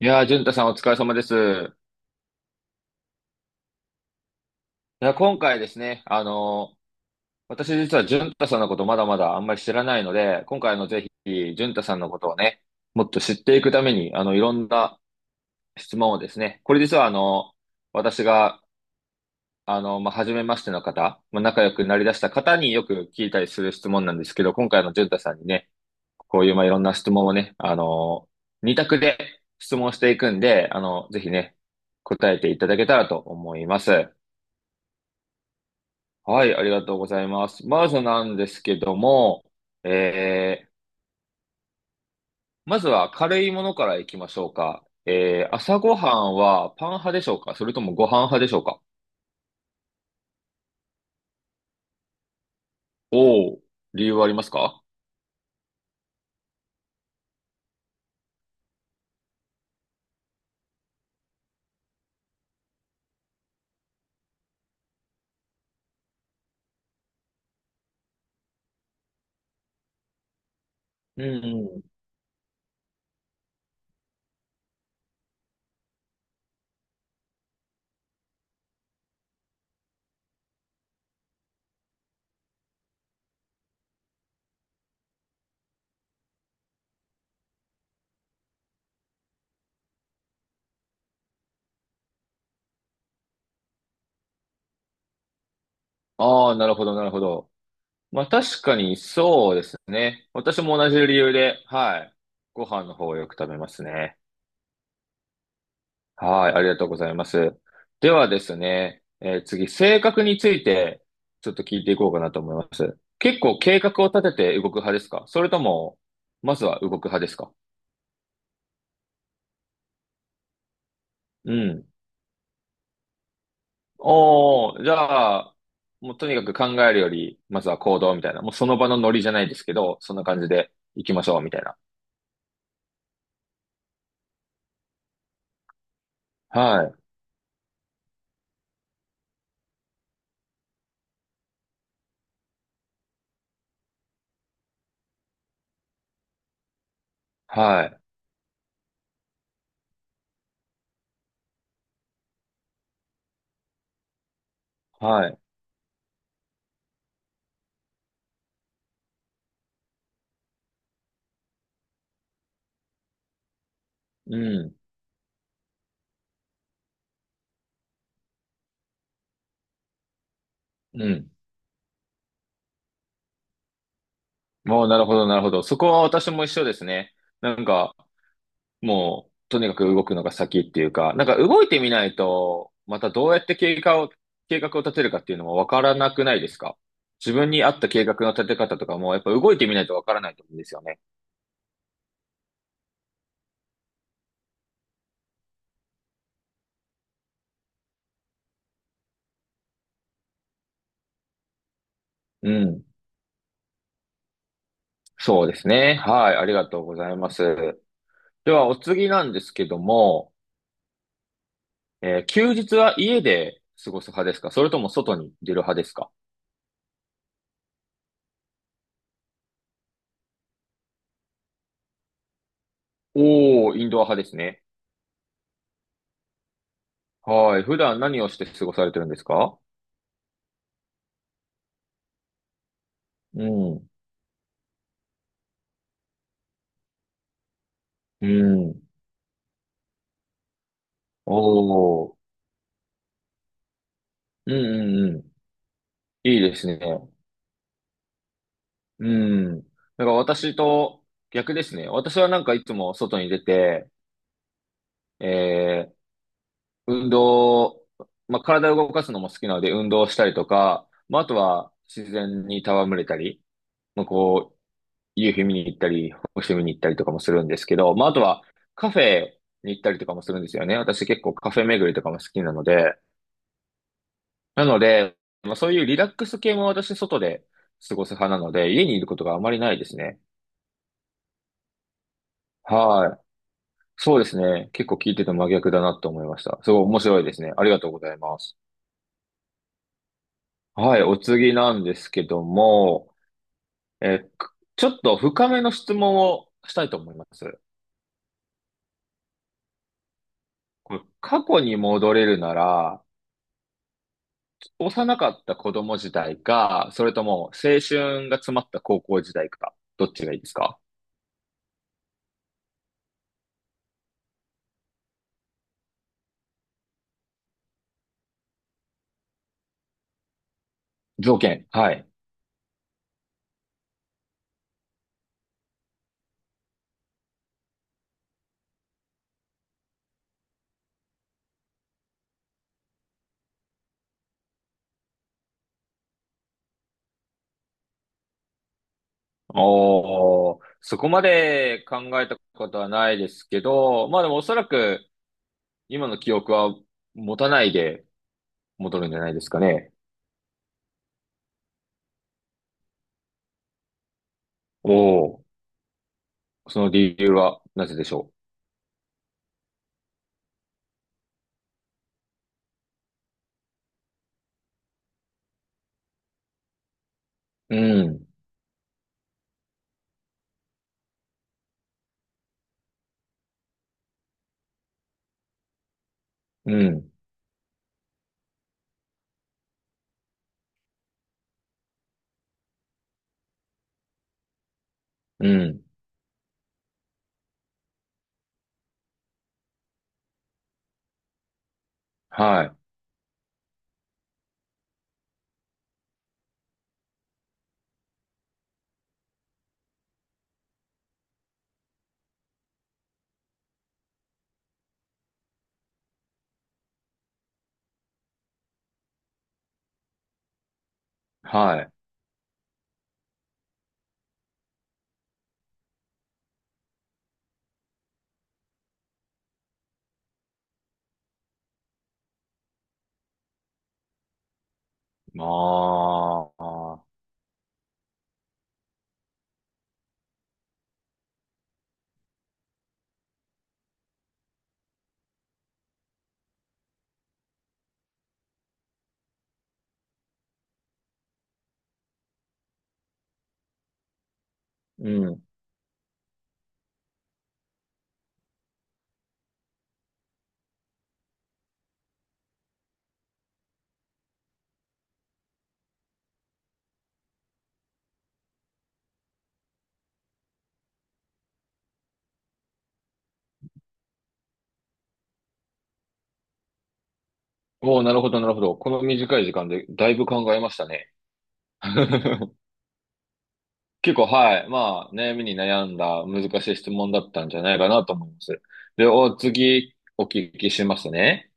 いやー、淳太さんお疲れ様です。いや、今回ですね、私実は淳太さんのことまだまだあんまり知らないので、今回ぜひ、淳太さんのことをね、もっと知っていくために、いろんな質問をですね、これ実は私が、まあ、初めましての方、まあ、仲良くなりだした方によく聞いたりする質問なんですけど、今回の淳太さんにね、こういう、まあ、いろんな質問をね、二択で質問していくんで、ぜひね、答えていただけたらと思います。はい、ありがとうございます。まずなんですけども、えー、まずは軽いものからいきましょうか？朝ごはんはパン派でしょうか、それともご飯派でしょうか？おー、理由はありますか？うんうん。ああ、なるほど、なるほど。まあ確かにそうですね。私も同じ理由で、はい、ご飯の方をよく食べますね。はい、ありがとうございます。ではですね、次、性格についてちょっと聞いていこうかなと思います。結構計画を立てて動く派ですか、それとも、まずは動く派ですか？うん。おー、じゃあ、もうとにかく考えるより、まずは行動みたいな。もうその場のノリじゃないですけど、そんな感じで行きましょうみたいな。はい、はい、はい。うん、うん。もうなるほど、なるほど。そこは私も一緒ですね。なんか、もう、とにかく動くのが先っていうか、なんか動いてみないと、またどうやって計画を立てるかっていうのもわからなくないですか？自分に合った計画の立て方とかも、やっぱ動いてみないとわからないと思うんですよね。うん。そうですね。はい。ありがとうございます。では、お次なんですけども、休日は家で過ごす派ですか、それとも外に出る派ですか？おー、インドア派ですね。はい。普段何をして過ごされてるんですか？うん。うん。おー。うんうんうん。いいですね。うん。だから私と逆ですね。私はなんかいつも外に出て、えー、運動、まあ、体を動かすのも好きなので運動したりとか、まあ、あとは自然に戯れたり、まあ、こう、夕日見に行ったり、星見に行ったりとかもするんですけど、まあ、あとはカフェに行ったりとかもするんですよね。私結構カフェ巡りとかも好きなので、なので、まあ、そういうリラックス系も私外で過ごす派なので、家にいることがあまりないですね。はい。そうですね。結構聞いてて真逆だなと思いました。すごい面白いですね。ありがとうございます。はい。お次なんですけども、ちょっと深めの質問をしたいと思います。これ、過去に戻れるなら、幼かった子供時代か、それとも青春が詰まった高校時代か、どっちがいいですか？条件。はい。おー、そこまで考えたことはないですけど、まあでもおそらく今の記憶は持たないで、戻るんじゃないですかね。おお、その理由はなぜでしょう？うん、うん、うん。はい、はい。まあ、あうん。おお、なるほど、なるほど。この短い時間でだいぶ考えましたね。結構、はい。まあ、悩みに悩んだ難しい質問だったんじゃないかなと思います。で、次、お聞きしますね。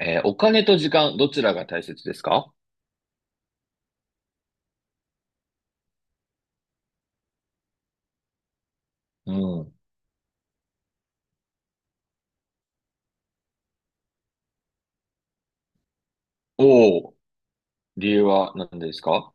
お金と時間、どちらが大切ですか？うん。おお、理由は何ですか？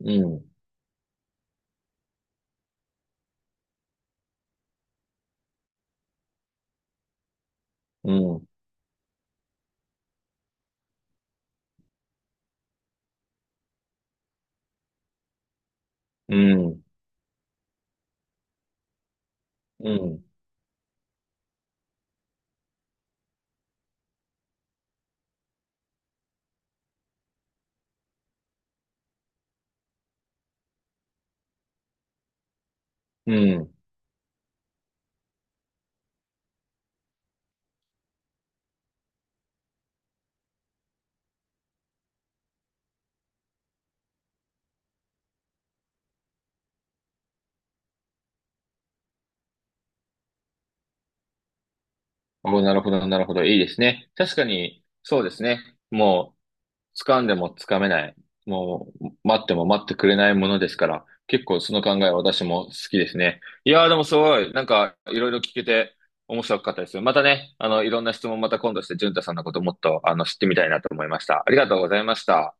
うん、うん。うん、うん、うん。お、なるほど、なるほど。いいですね。確かに、そうですね。もう、掴んでも掴めない。もう、待っても待ってくれないものですから、結構その考えは私も好きですね。いやー、でもすごい、なんか、いろいろ聞けて面白かったです。またね、いろんな質問また今度して、淳太さんのこともっと、知ってみたいなと思いました。ありがとうございました。